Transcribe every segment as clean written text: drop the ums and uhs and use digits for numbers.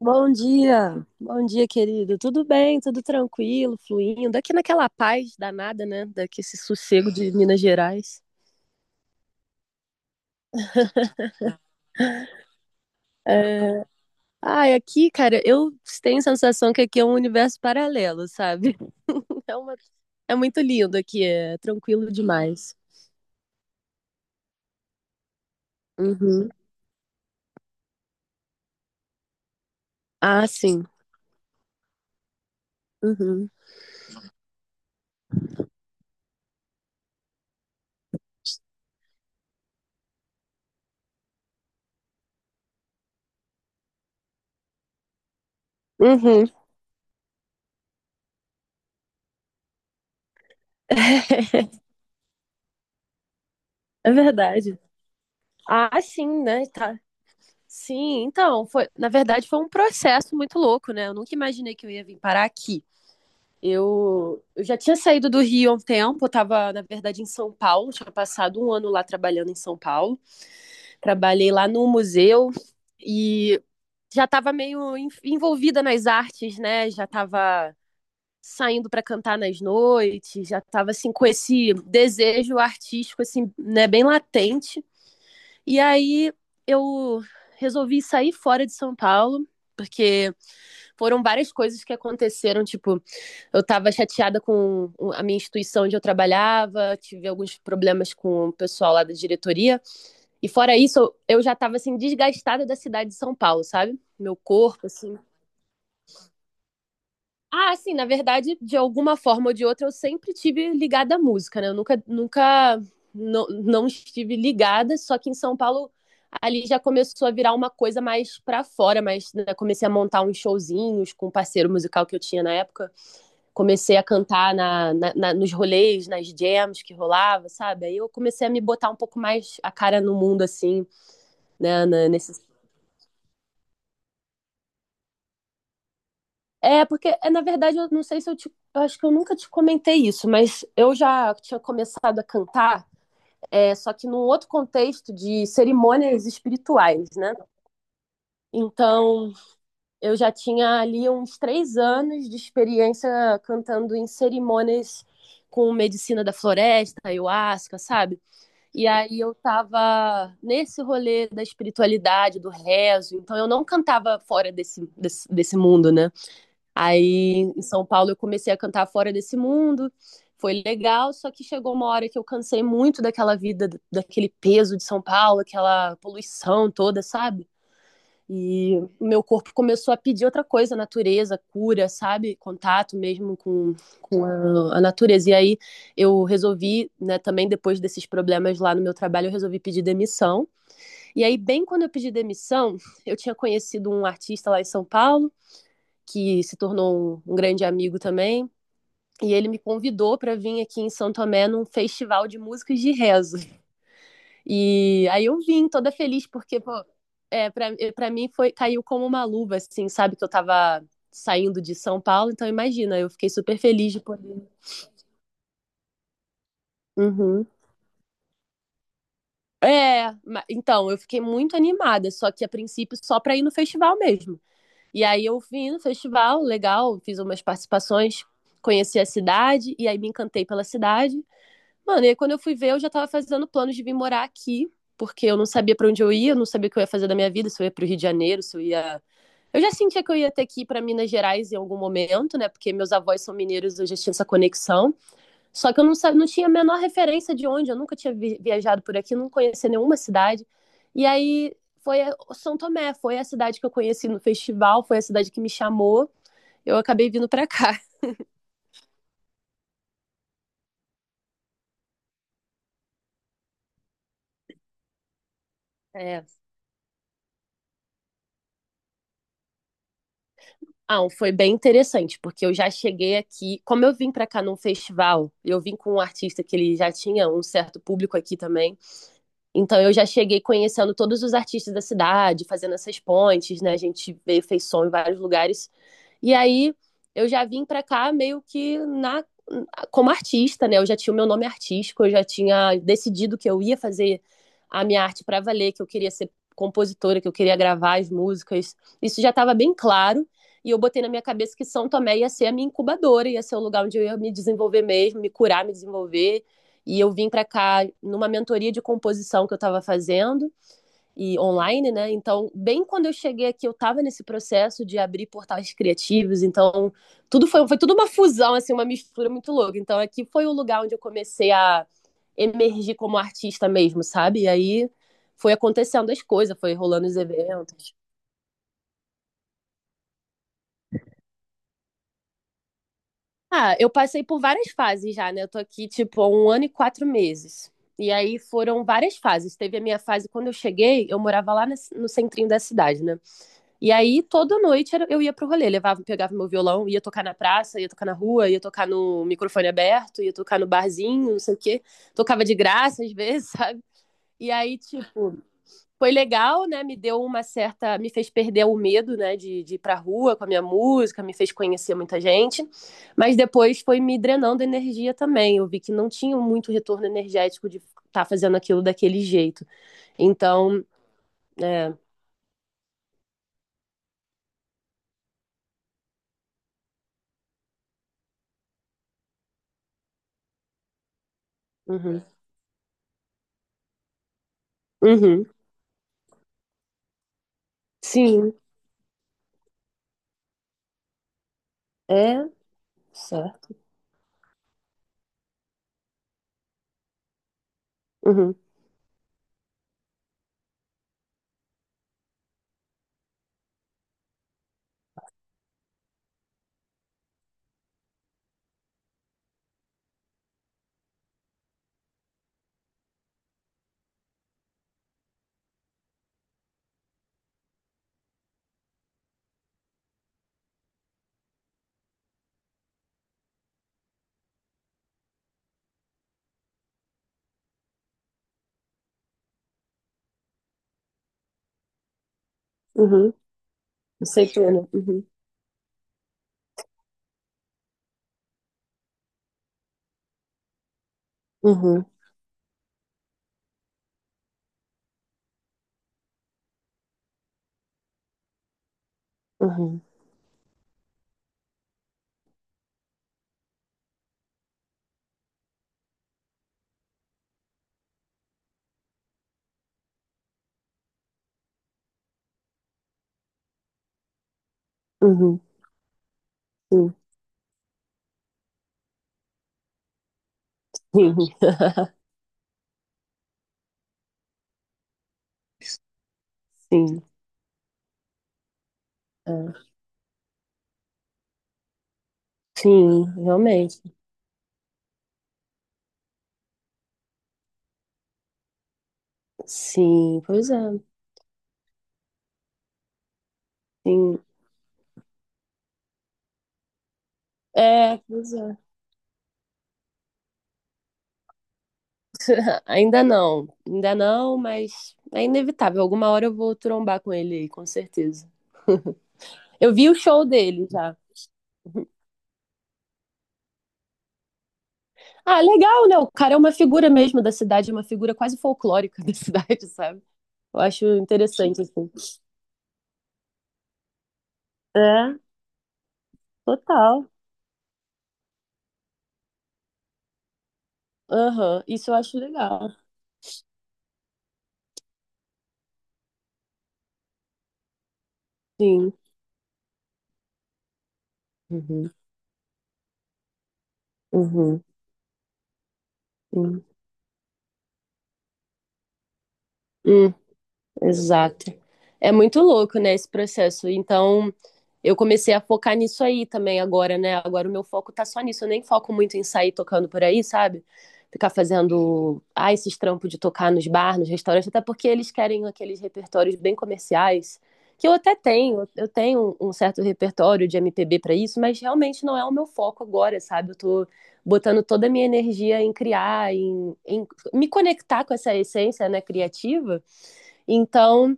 Bom dia, querido. Tudo bem, tudo tranquilo, fluindo. Aqui naquela paz danada, né? Daqui esse sossego de Minas Gerais. É. Ai, aqui, cara, eu tenho a sensação que aqui é um universo paralelo, sabe? É uma... É muito lindo aqui, é tranquilo demais. Uhum. Ah, sim. Uhum. Uhum. É verdade. Ah, sim, né? Tá. Sim, então, foi, na verdade foi um processo muito louco, né? Eu nunca imaginei que eu ia vir parar aqui. Eu já tinha saído do Rio há um tempo, eu estava, na verdade, em São Paulo, tinha passado um ano lá trabalhando em São Paulo. Trabalhei lá no museu e já estava meio envolvida nas artes, né? Já estava saindo para cantar nas noites, já estava assim com esse desejo artístico assim, né, bem latente. E aí eu resolvi sair fora de São Paulo, porque foram várias coisas que aconteceram. Tipo, eu tava chateada com a minha instituição onde eu trabalhava, tive alguns problemas com o pessoal lá da diretoria. E fora isso, eu já tava assim, desgastada da cidade de São Paulo, sabe? Meu corpo, assim. Ah, assim, na verdade, de alguma forma ou de outra, eu sempre tive ligada à música, né? Eu nunca não estive ligada, só que em São Paulo ali já começou a virar uma coisa mais para fora, mas né, comecei a montar uns showzinhos com um parceiro musical que eu tinha na época comecei a cantar nos rolês, nas jams que rolava, sabe? Aí eu comecei a me botar um pouco mais a cara no mundo, assim, né? É, porque, é, na verdade, eu não sei se eu te. Eu acho que eu nunca te comentei isso, mas eu já tinha começado a cantar, é, só que num outro contexto de cerimônias espirituais, né? Então, eu já tinha ali uns 3 anos de experiência cantando em cerimônias com medicina da floresta, ayahuasca, sabe? E aí eu tava nesse rolê da espiritualidade, do rezo, então eu não cantava fora desse mundo, né? Aí em São Paulo eu comecei a cantar fora desse mundo, foi legal, só que chegou uma hora que eu cansei muito daquela vida, daquele peso de São Paulo, aquela poluição toda, sabe? E o meu corpo começou a pedir outra coisa, natureza, cura, sabe? Contato mesmo com a natureza. E aí eu resolvi, né, também depois desses problemas lá no meu trabalho, eu resolvi pedir demissão. E aí, bem quando eu pedi demissão, eu tinha conhecido um artista lá em São Paulo, que se tornou um grande amigo também. E ele me convidou para vir aqui em São Tomé num festival de músicas de rezo. E aí eu vim toda feliz, porque, pô, pra mim foi, caiu como uma luva, assim, sabe? Que eu tava saindo de São Paulo, então imagina, eu fiquei super feliz de poder. Uhum. É, então, eu fiquei muito animada, só que a princípio só pra ir no festival mesmo. E aí eu vim no festival, legal, fiz umas participações, conheci a cidade, e aí me encantei pela cidade. Mano, e aí quando eu fui ver, eu já tava fazendo planos de vir morar aqui, porque eu não sabia pra onde eu ia, eu não sabia o que eu ia fazer da minha vida, se eu ia pro Rio de Janeiro, se eu ia. Eu já sentia que eu ia ter que ir para Minas Gerais em algum momento, né? Porque meus avós são mineiros, eu já tinha essa conexão. Só que eu não tinha a menor referência de onde, eu nunca tinha viajado por aqui, não conhecia nenhuma cidade. E aí foi São Tomé, foi a cidade que eu conheci no festival, foi a cidade que me chamou. Eu acabei vindo para cá. É. Ah, foi bem interessante, porque eu já cheguei aqui, como eu vim para cá num festival, eu vim com um artista que ele já tinha um certo público aqui também. Então eu já cheguei conhecendo todos os artistas da cidade, fazendo essas pontes, né? A gente veio, fez som em vários lugares. E aí eu já vim para cá meio que na como artista, né? Eu já tinha o meu nome artístico, eu já tinha decidido que eu ia fazer a minha arte para valer, que eu queria ser compositora, que eu queria gravar as músicas. Isso já estava bem claro. E eu botei na minha cabeça que São Tomé ia ser a minha incubadora, ia ser o lugar onde eu ia me desenvolver mesmo, me curar, me desenvolver e eu vim para cá numa mentoria de composição que eu estava fazendo e online, né? Então, bem quando eu cheguei aqui, eu estava nesse processo de abrir portais criativos, então tudo foi, foi tudo uma fusão, assim, uma mistura muito louca. Então, aqui foi o lugar onde eu comecei a emergir como artista mesmo, sabe? E aí foi acontecendo as coisas, foi rolando os eventos. Ah, eu passei por várias fases já, né? Eu tô aqui, tipo, há um ano e 4 meses. E aí foram várias fases. Teve a minha fase quando eu cheguei, eu morava lá no centrinho da cidade, né? E aí toda noite eu ia pro rolê, levava, pegava meu violão, ia tocar na praça, ia tocar na rua, ia tocar no microfone aberto, ia tocar no barzinho, não sei o quê. Tocava de graça às vezes, sabe? E aí, tipo, foi legal, né? Me deu uma certa. Me fez perder o medo, né? De ir pra rua com a minha música, me fez conhecer muita gente. Mas depois foi me drenando energia também. Eu vi que não tinha muito retorno energético de estar tá fazendo aquilo daquele jeito. Então, é. Uhum, uhum, sim, é certo. Uhum, uhum, aceitona. Uhum, uhum, uhum, uhum, sim, sim. Sim, é, sim, realmente. Sim, pois é. Sim, é, pois é. Ainda não, mas é inevitável. Alguma hora eu vou trombar com ele aí, com certeza. Eu vi o show dele já. Ah, legal, né? O cara é uma figura mesmo da cidade, é uma figura quase folclórica da cidade, sabe? Eu acho interessante, assim. É, total. Aham, isso eu acho legal. Sim. Uhum, uhum, uhum. Exato. É muito louco, né, esse processo. Então, eu comecei a focar nisso aí também agora, né? Agora o meu foco tá só nisso. Eu nem foco muito em sair tocando por aí, sabe? Ficar fazendo, ah, esses trampos de tocar nos bar, nos restaurantes, até porque eles querem aqueles repertórios bem comerciais, que eu até tenho, eu tenho um certo repertório de MPB para isso, mas realmente não é o meu foco agora, sabe? Eu tô botando toda a minha energia em criar, em me conectar com essa essência, né, criativa. Então,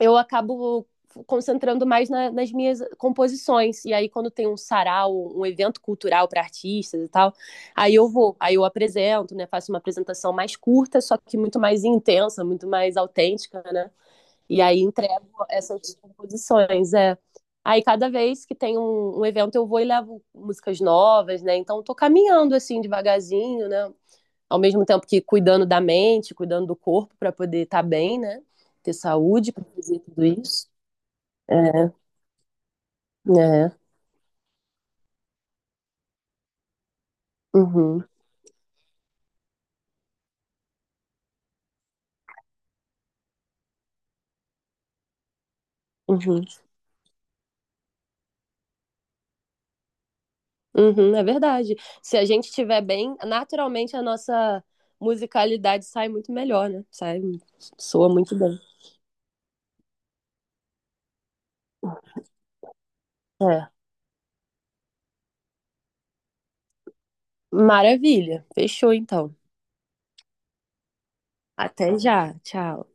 eu acabo concentrando mais nas minhas composições. E aí, quando tem um sarau, um evento cultural para artistas e tal, aí eu vou, aí eu apresento, né? Faço uma apresentação mais curta, só que muito mais intensa, muito mais autêntica, né? E aí entrego essas composições. É. Aí, cada vez que tem um evento, eu vou e levo músicas novas, né? Então, tô caminhando assim, devagarzinho, né? Ao mesmo tempo que cuidando da mente, cuidando do corpo para poder estar bem, né? Ter saúde para fazer tudo isso. É, é. Uhum, uhum, uhum, é verdade. Se a gente estiver bem, naturalmente a nossa musicalidade sai muito melhor, né? Sai, soa muito bem. É. Maravilha. Fechou então. Até já. Tchau.